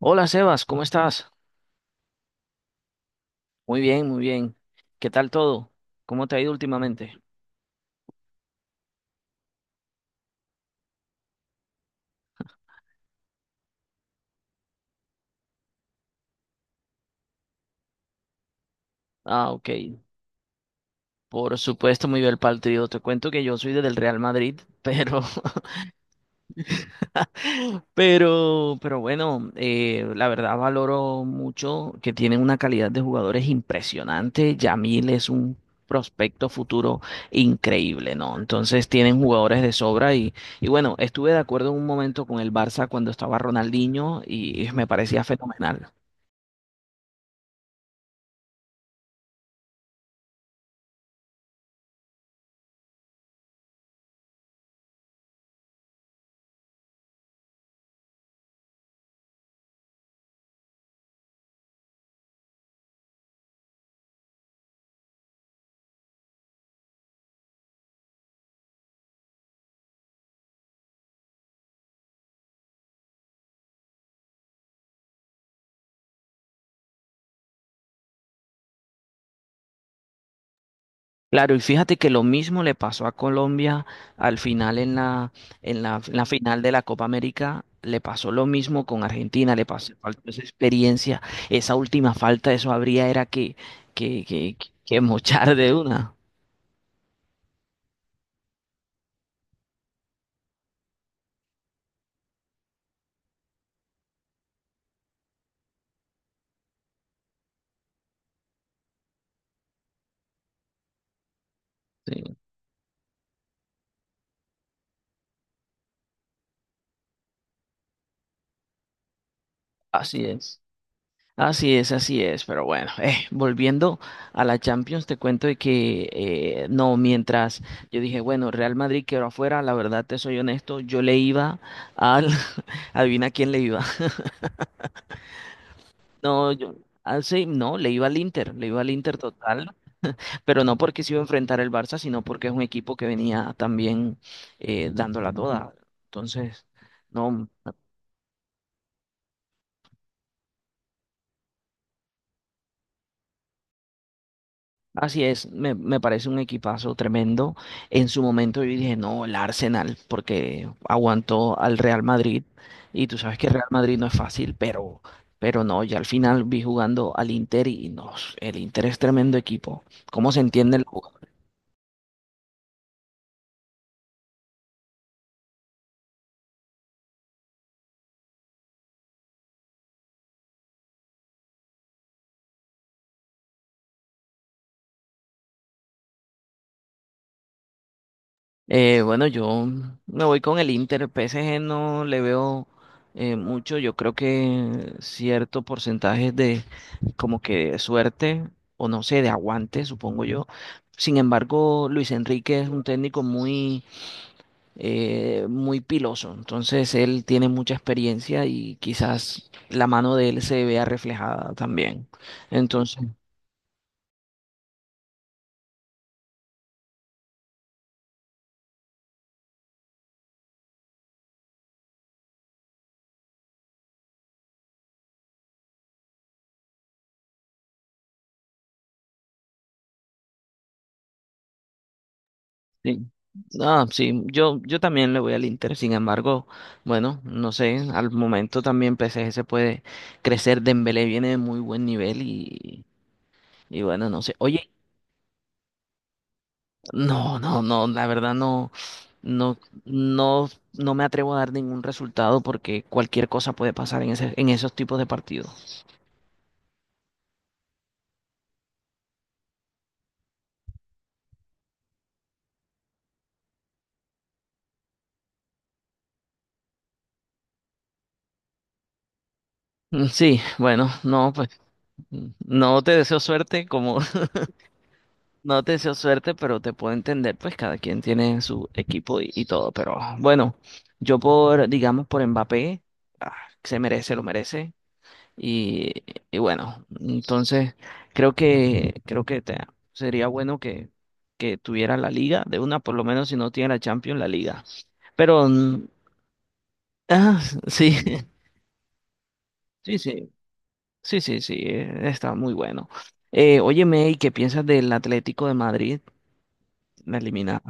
Hola Sebas, ¿cómo estás? Muy bien, muy bien. ¿Qué tal todo? ¿Cómo te ha ido últimamente? Ah, ok. Por supuesto, muy bien el partido. Te cuento que yo soy del Real Madrid, pero, pero bueno, la verdad valoro mucho que tienen una calidad de jugadores impresionante. Yamil es un prospecto futuro increíble, ¿no? Entonces tienen jugadores de sobra y bueno, estuve de acuerdo en un momento con el Barça cuando estaba Ronaldinho y me parecía fenomenal. Claro, y fíjate que lo mismo le pasó a Colombia al final en la final de la Copa América, le pasó lo mismo con Argentina, le pasó, faltó esa experiencia, esa última falta, eso habría era que, que, que mochar de una. Sí, así es. Así es, así es, pero bueno, volviendo a la Champions, te cuento de que no, mientras yo dije, bueno, Real Madrid quedó afuera, la verdad te soy honesto, yo le iba al, adivina quién le iba. No, yo, ah, sí, no, le iba al Inter, le iba al Inter total, pero no porque se iba a enfrentar el Barça, sino porque es un equipo que venía también dándola toda. Entonces, no, así es, me parece un equipazo tremendo. En su momento yo dije, no, el Arsenal, porque aguantó al Real Madrid, y tú sabes que el Real Madrid no es fácil, pero no, ya al final vi jugando al Inter y no, el Inter es tremendo equipo. ¿Cómo se entiende el bueno, yo me voy con el Inter. PSG no le veo mucho. Yo creo que cierto porcentaje de como que suerte o no sé, de aguante, supongo yo. Sin embargo, Luis Enrique es un técnico muy, muy piloso. Entonces, él tiene mucha experiencia y quizás la mano de él se vea reflejada también. Entonces, sí. Ah, sí, yo también le voy al Inter, sin embargo, bueno, no sé, al momento también PSG se puede crecer, Dembélé viene de muy buen nivel y bueno, no sé. Oye, no, no, no, la verdad no, no, no, no me atrevo a dar ningún resultado porque cualquier cosa puede pasar en ese, en esos tipos de partidos. Sí, bueno, no, pues no te deseo suerte como No te deseo suerte, pero te puedo entender, pues cada quien tiene su equipo y todo, pero bueno, yo por, digamos, por Mbappé, ah, se merece, lo merece, y, y bueno, entonces creo que te- sería bueno que tuviera la liga, de una por lo menos si no tiene la Champions, la liga, pero, ah, sí, sí, sí, está muy bueno. Óyeme, ¿y qué piensas del Atlético de Madrid? La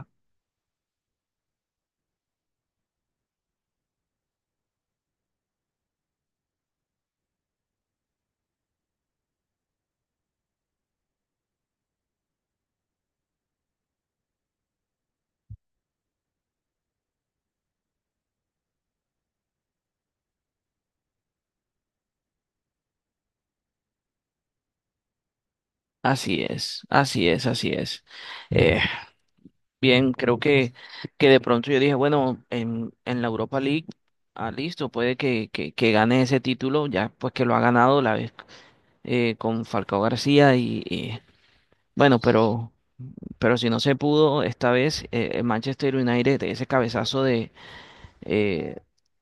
Así es, así es, así es. Eh, bien, que de pronto yo dije, bueno, en la Europa League, ah, listo, puede que gane ese título, ya pues que lo ha ganado la vez con Falcao García y bueno, pero si no se pudo esta vez, el Manchester United, ese cabezazo de, eh,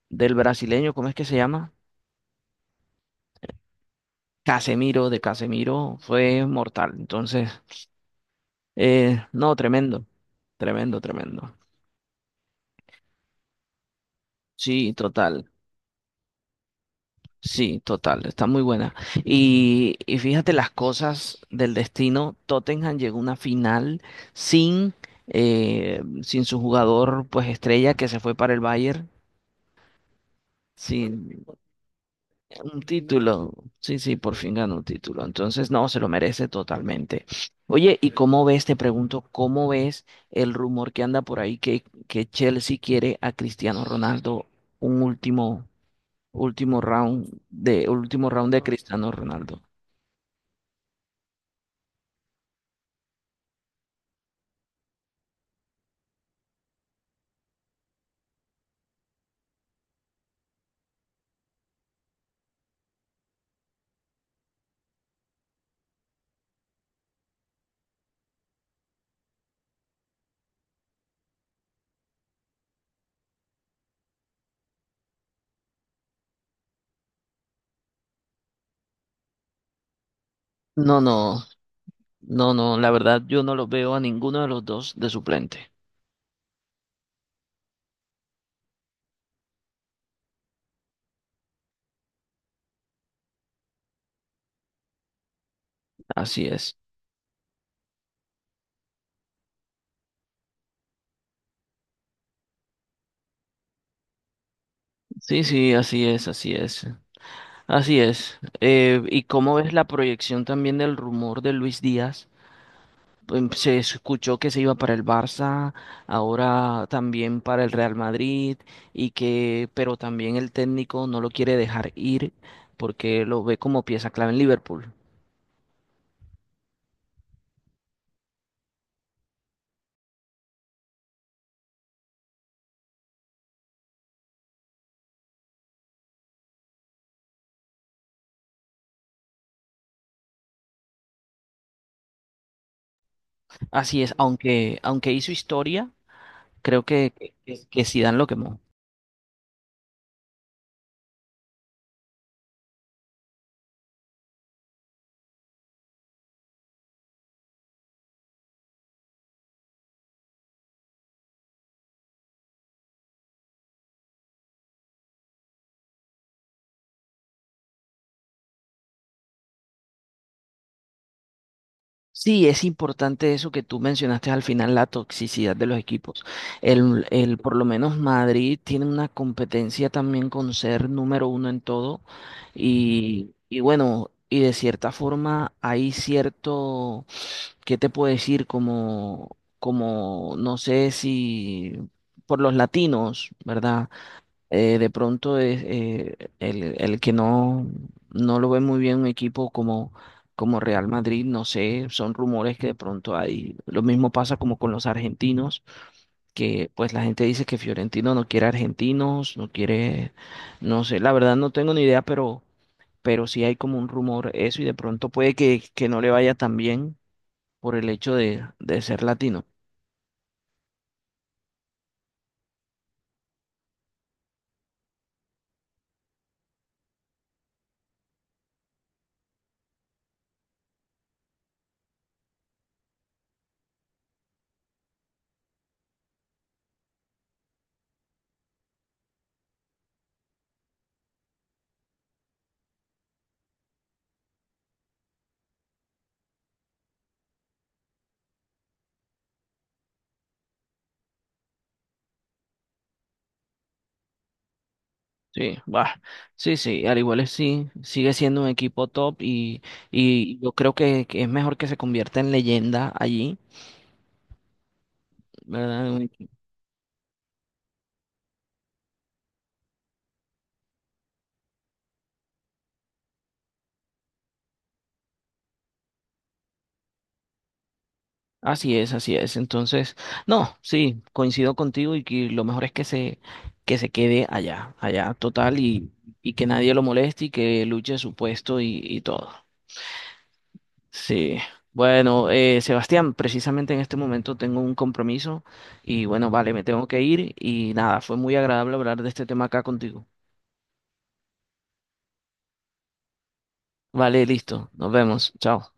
del brasileño, ¿cómo es que se llama? Casemiro, de Casemiro, fue mortal. Entonces, no, tremendo, tremendo. Sí, total. Sí, total, está muy buena. Y fíjate las cosas del destino. Tottenham llegó a una final sin, sin su jugador pues estrella que se fue para el Bayern, sin un título. Sí, sí, por fin ganó un título. Entonces, no, se lo merece totalmente. Oye, ¿y cómo ves, te pregunto, cómo ves el rumor que anda por ahí que Chelsea quiere a Cristiano Ronaldo un último, último round de Cristiano Ronaldo? No, no, no, la verdad yo no los veo a ninguno de los dos de suplente. Así es. Sí, sí, así es, así es. Así es. ¿Y cómo ves la proyección también del rumor de Luis Díaz? Pues, se escuchó que se iba para el Barça, ahora también para el Real Madrid, y que, pero también el técnico no lo quiere dejar ir porque lo ve como pieza clave en Liverpool. Así es, aunque, aunque hizo historia, creo que, que Zidane lo quemó. Sí, es importante eso que tú mencionaste al final, la toxicidad de los equipos. El, por lo menos Madrid tiene una competencia también con ser número uno en todo y bueno, y de cierta forma hay cierto, ¿qué te puedo decir? Como, como, no sé si por los latinos, ¿verdad? Eh, de pronto es el que no, no lo ve muy bien un equipo como, como Real Madrid, no sé, son rumores que de pronto hay. Lo mismo pasa como con los argentinos, que pues la gente dice que Fiorentino no quiere argentinos, no quiere, no sé, la verdad no tengo ni idea, pero sí hay como un rumor eso y de pronto puede que no le vaya tan bien por el hecho de ser latino. Sí, bah, sí, sí, al igual es sí, sigue siendo un equipo top y yo creo que es mejor que se convierta en leyenda allí, ¿verdad? Un equi- Así es, así es. Entonces, no, sí, coincido contigo y que lo mejor es que se quede allá, allá total y que nadie lo moleste y que luche su puesto y todo. Sí. Bueno, Sebastián, precisamente en este momento tengo un compromiso y bueno, vale, me tengo que ir y nada, fue muy agradable hablar de este tema acá contigo. Vale, listo. Nos vemos. Chao.